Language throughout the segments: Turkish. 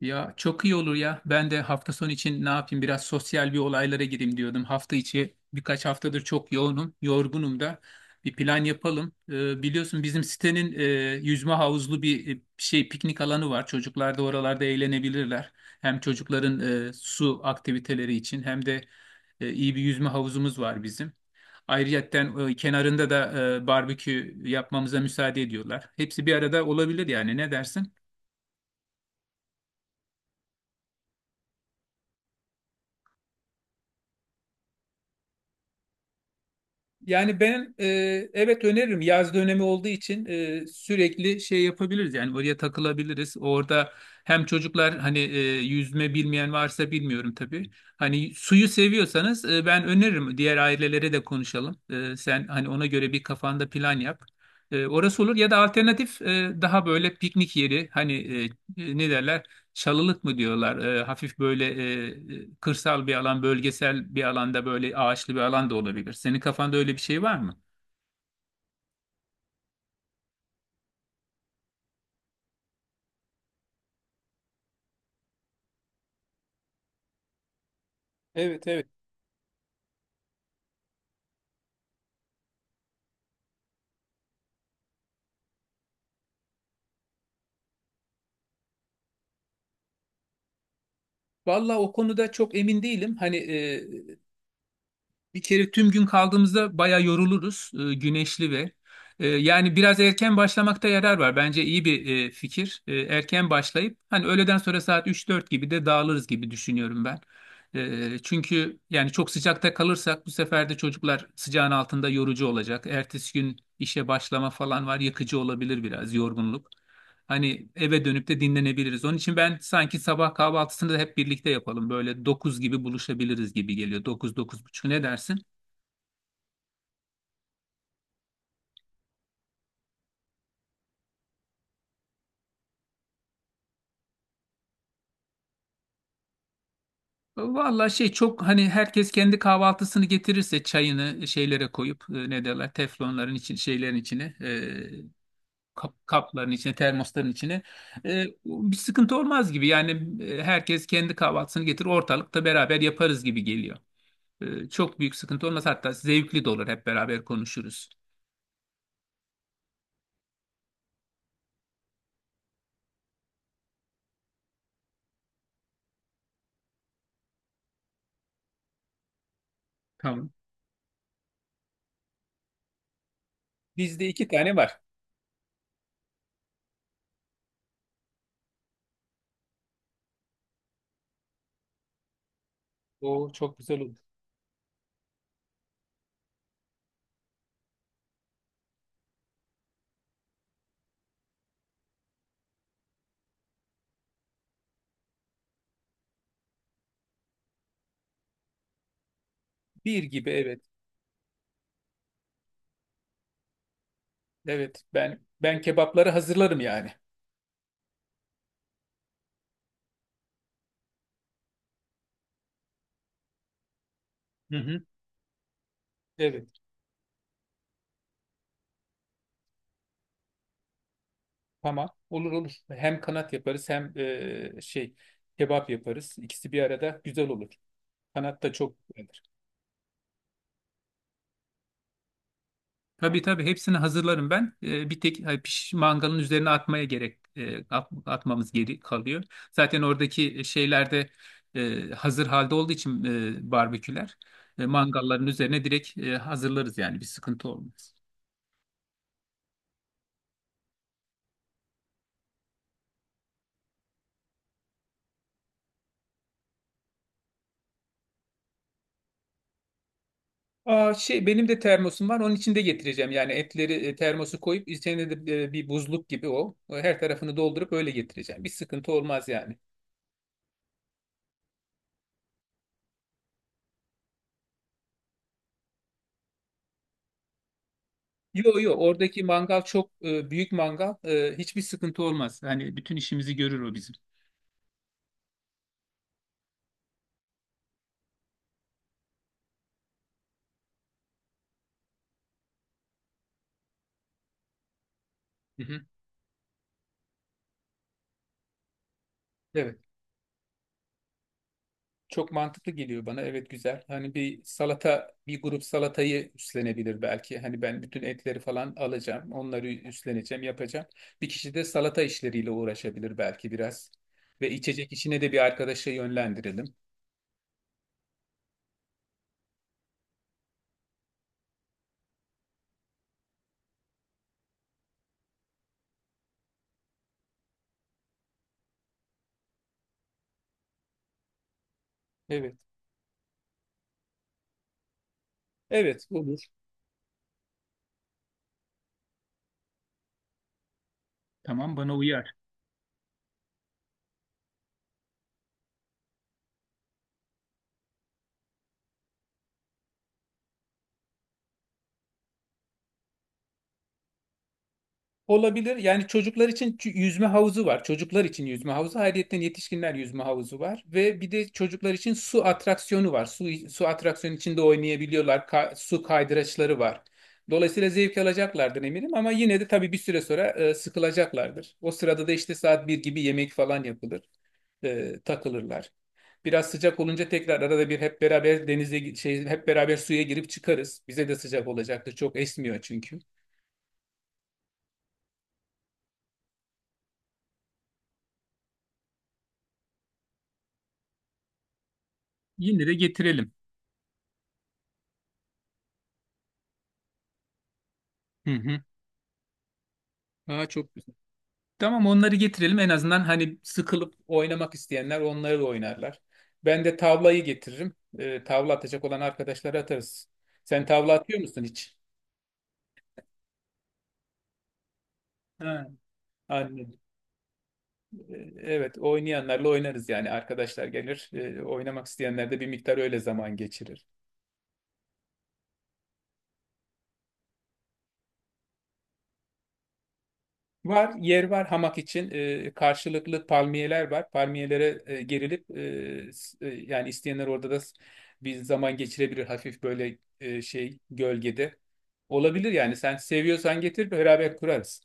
Ya çok iyi olur ya. Ben de hafta sonu için ne yapayım biraz sosyal bir olaylara gireyim diyordum. Hafta içi birkaç haftadır çok yoğunum, yorgunum da. Bir plan yapalım. Biliyorsun bizim sitenin yüzme havuzlu bir şey piknik alanı var. Çocuklar da oralarda eğlenebilirler. Hem çocukların su aktiviteleri için hem de iyi bir yüzme havuzumuz var bizim. Ayrıyetten kenarında da barbekü yapmamıza müsaade ediyorlar. Hepsi bir arada olabilir yani ne dersin? Yani ben evet öneririm. Yaz dönemi olduğu için sürekli şey yapabiliriz. Yani oraya takılabiliriz. Orada hem çocuklar hani yüzme bilmeyen varsa bilmiyorum tabii. Hani suyu seviyorsanız ben öneririm. Diğer ailelere de konuşalım. Sen hani ona göre bir kafanda plan yap. Orası olur ya da alternatif daha böyle piknik yeri hani ne derler? Çalılık mı diyorlar? Hafif böyle e, kırsal bir alan, bölgesel bir alanda böyle ağaçlı bir alan da olabilir. Senin kafanda öyle bir şey var mı? Evet evet. Valla o konuda çok emin değilim. Hani bir kere tüm gün kaldığımızda bayağı yoruluruz. Güneşli ve yani biraz erken başlamakta yarar var. Bence iyi bir fikir. Erken başlayıp hani öğleden sonra saat 3-4 gibi de dağılırız gibi düşünüyorum ben. Çünkü yani çok sıcakta kalırsak bu sefer de çocuklar sıcağın altında yorucu olacak. Ertesi gün işe başlama falan var, yakıcı olabilir biraz yorgunluk. Hani eve dönüp de dinlenebiliriz. Onun için ben sanki sabah kahvaltısını da hep birlikte yapalım. Böyle 9 gibi buluşabiliriz gibi geliyor. 9 9.30 ne dersin? Vallahi şey çok hani herkes kendi kahvaltısını getirirse çayını şeylere koyup ne derler teflonların için şeylerin içine kapların içine, termosların içine. Bir sıkıntı olmaz gibi. Yani herkes kendi kahvaltısını getirir, ortalıkta beraber yaparız gibi geliyor. Çok büyük sıkıntı olmaz. Hatta zevkli de olur. Hep beraber konuşuruz. Tamam. Bizde 2 tane var. O çok güzel olur. 1 gibi, evet. Evet. Ben kebapları hazırlarım yani. Hı hı. Evet. Tamam. Olur olur. Hem kanat yaparız hem şey kebap yaparız. İkisi bir arada güzel olur. Kanat da çok. Tabii tabii hepsini hazırlarım ben. Bir tek hani, piş, mangalın üzerine atmaya gerek atmamız geri kalıyor. Zaten oradaki şeylerde hazır halde olduğu için barbeküler mangalların üzerine direkt hazırlarız yani bir sıkıntı olmaz. Aa, şey benim de termosum var onun içinde getireceğim yani etleri termosu koyup içine de bir buzluk gibi o. Her tarafını doldurup öyle getireceğim, bir sıkıntı olmaz yani. Yo yo, oradaki mangal çok büyük mangal. Hiçbir sıkıntı olmaz. Hani bütün işimizi görür o bizim. Hı hı. Evet. Çok mantıklı geliyor bana. Evet, güzel. Hani bir salata, bir grup salatayı üstlenebilir belki. Hani ben bütün etleri falan alacağım. Onları üstleneceğim, yapacağım. Bir kişi de salata işleriyle uğraşabilir belki biraz. Ve içecek işine de bir arkadaşa yönlendirelim. Evet. Evet olur. Tamam, bana uyar. Olabilir. Yani çocuklar için yüzme havuzu var. Çocuklar için yüzme havuzu. Ayrıca yetişkinler yüzme havuzu var. Ve bir de çocuklar için su atraksiyonu var. Su atraksiyonu içinde oynayabiliyorlar. Su kaydıraçları var. Dolayısıyla zevk alacaklardır eminim, ama yine de tabii bir süre sonra sıkılacaklardır. O sırada da işte saat 1 gibi yemek falan yapılır. Takılırlar. Biraz sıcak olunca tekrar arada bir hep beraber denize şey, hep beraber suya girip çıkarız. Bize de sıcak olacaktır. Çok esmiyor çünkü. Yine de getirelim. Hı hı. Aa, çok güzel. Tamam, onları getirelim en azından, hani sıkılıp oynamak isteyenler onları da oynarlar. Ben de tavlayı getiririm. Tavla atacak olan arkadaşlara atarız. Sen tavla atıyor musun hiç? Ha, annem. Evet oynayanlarla oynarız yani, arkadaşlar gelir. Oynamak isteyenler de bir miktar öyle zaman geçirir. Var, yer var hamak için. Karşılıklı palmiyeler var. Palmiyelere gerilip yani isteyenler orada da bir zaman geçirebilir hafif böyle şey, gölgede. Olabilir yani, sen seviyorsan getir, beraber kurarız.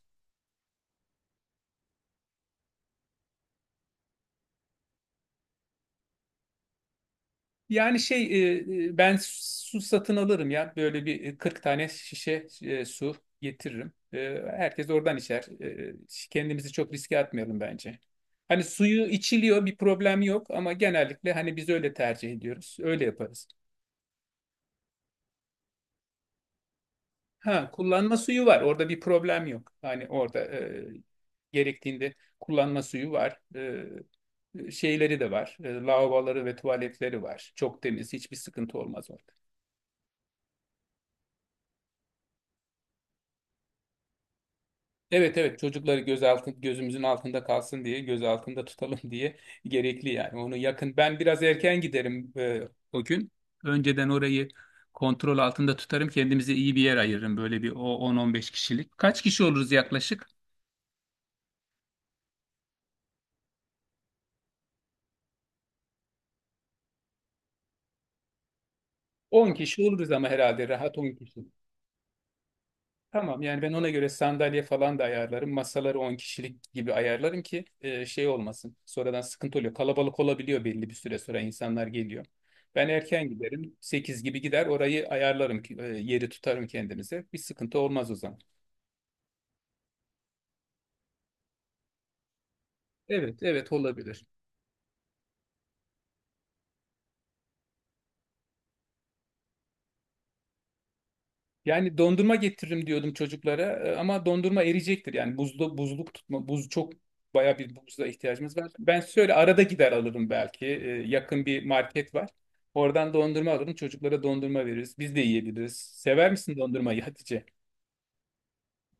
Yani şey, ben su satın alırım ya, böyle bir 40 tane şişe su getiririm. Herkes oradan içer. Kendimizi çok riske atmayalım bence. Hani suyu içiliyor, bir problem yok, ama genellikle hani biz öyle tercih ediyoruz. Öyle yaparız. Ha, kullanma suyu var orada, bir problem yok. Hani orada gerektiğinde kullanma suyu var. Şeyleri de var. Lavaboları ve tuvaletleri var. Çok temiz, hiçbir sıkıntı olmaz orada. Evet evet, çocukları gözümüzün altında kalsın diye göz altında tutalım diye gerekli yani. Onu yakın ben biraz erken giderim, o gün önceden orayı kontrol altında tutarım, kendimize iyi bir yer ayırırım, böyle bir o 10-15 kişilik. Kaç kişi oluruz yaklaşık? 10 kişi oluruz ama herhalde, rahat 10 kişi. Tamam yani, ben ona göre sandalye falan da ayarlarım. Masaları 10 kişilik gibi ayarlarım ki şey olmasın. Sonradan sıkıntı oluyor. Kalabalık olabiliyor belli bir süre sonra, insanlar geliyor. Ben erken giderim. 8 gibi gider orayı ayarlarım ki yeri tutarım kendimize. Bir sıkıntı olmaz o zaman. Evet evet, olabilir. Yani dondurma getiririm diyordum çocuklara, ama dondurma eriyecektir. Yani buzlu buzluk tutma, buz çok, bayağı bir buzluğa ihtiyacımız var. Ben şöyle arada gider alırım belki. Yakın bir market var. Oradan dondurma alırım. Çocuklara dondurma veririz. Biz de yiyebiliriz. Sever misin dondurmayı, Hatice?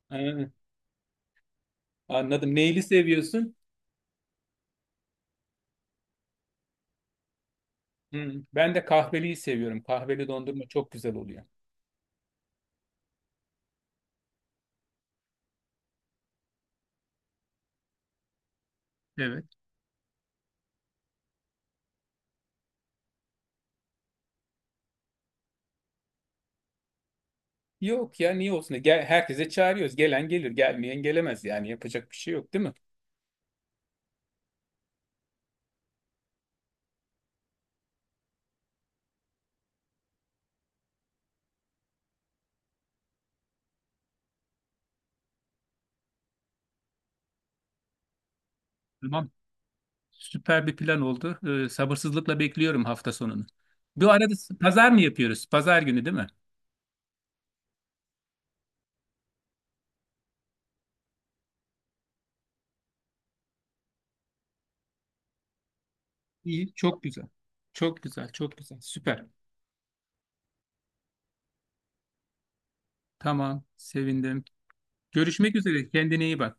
Ha, anladım. Neyli seviyorsun? Hı, ben de kahveliyi seviyorum. Kahveli dondurma çok güzel oluyor. Evet. Yok ya, niye olsun? Gel, herkese çağırıyoruz. Gelen gelir, gelmeyen gelemez yani. Yapacak bir şey yok, değil mi? Süper bir plan oldu. Sabırsızlıkla bekliyorum hafta sonunu. Bu arada pazar mı yapıyoruz? Pazar günü değil mi? İyi, çok güzel. Çok güzel, çok güzel. Süper. Tamam, sevindim. Görüşmek üzere. Kendine iyi bak.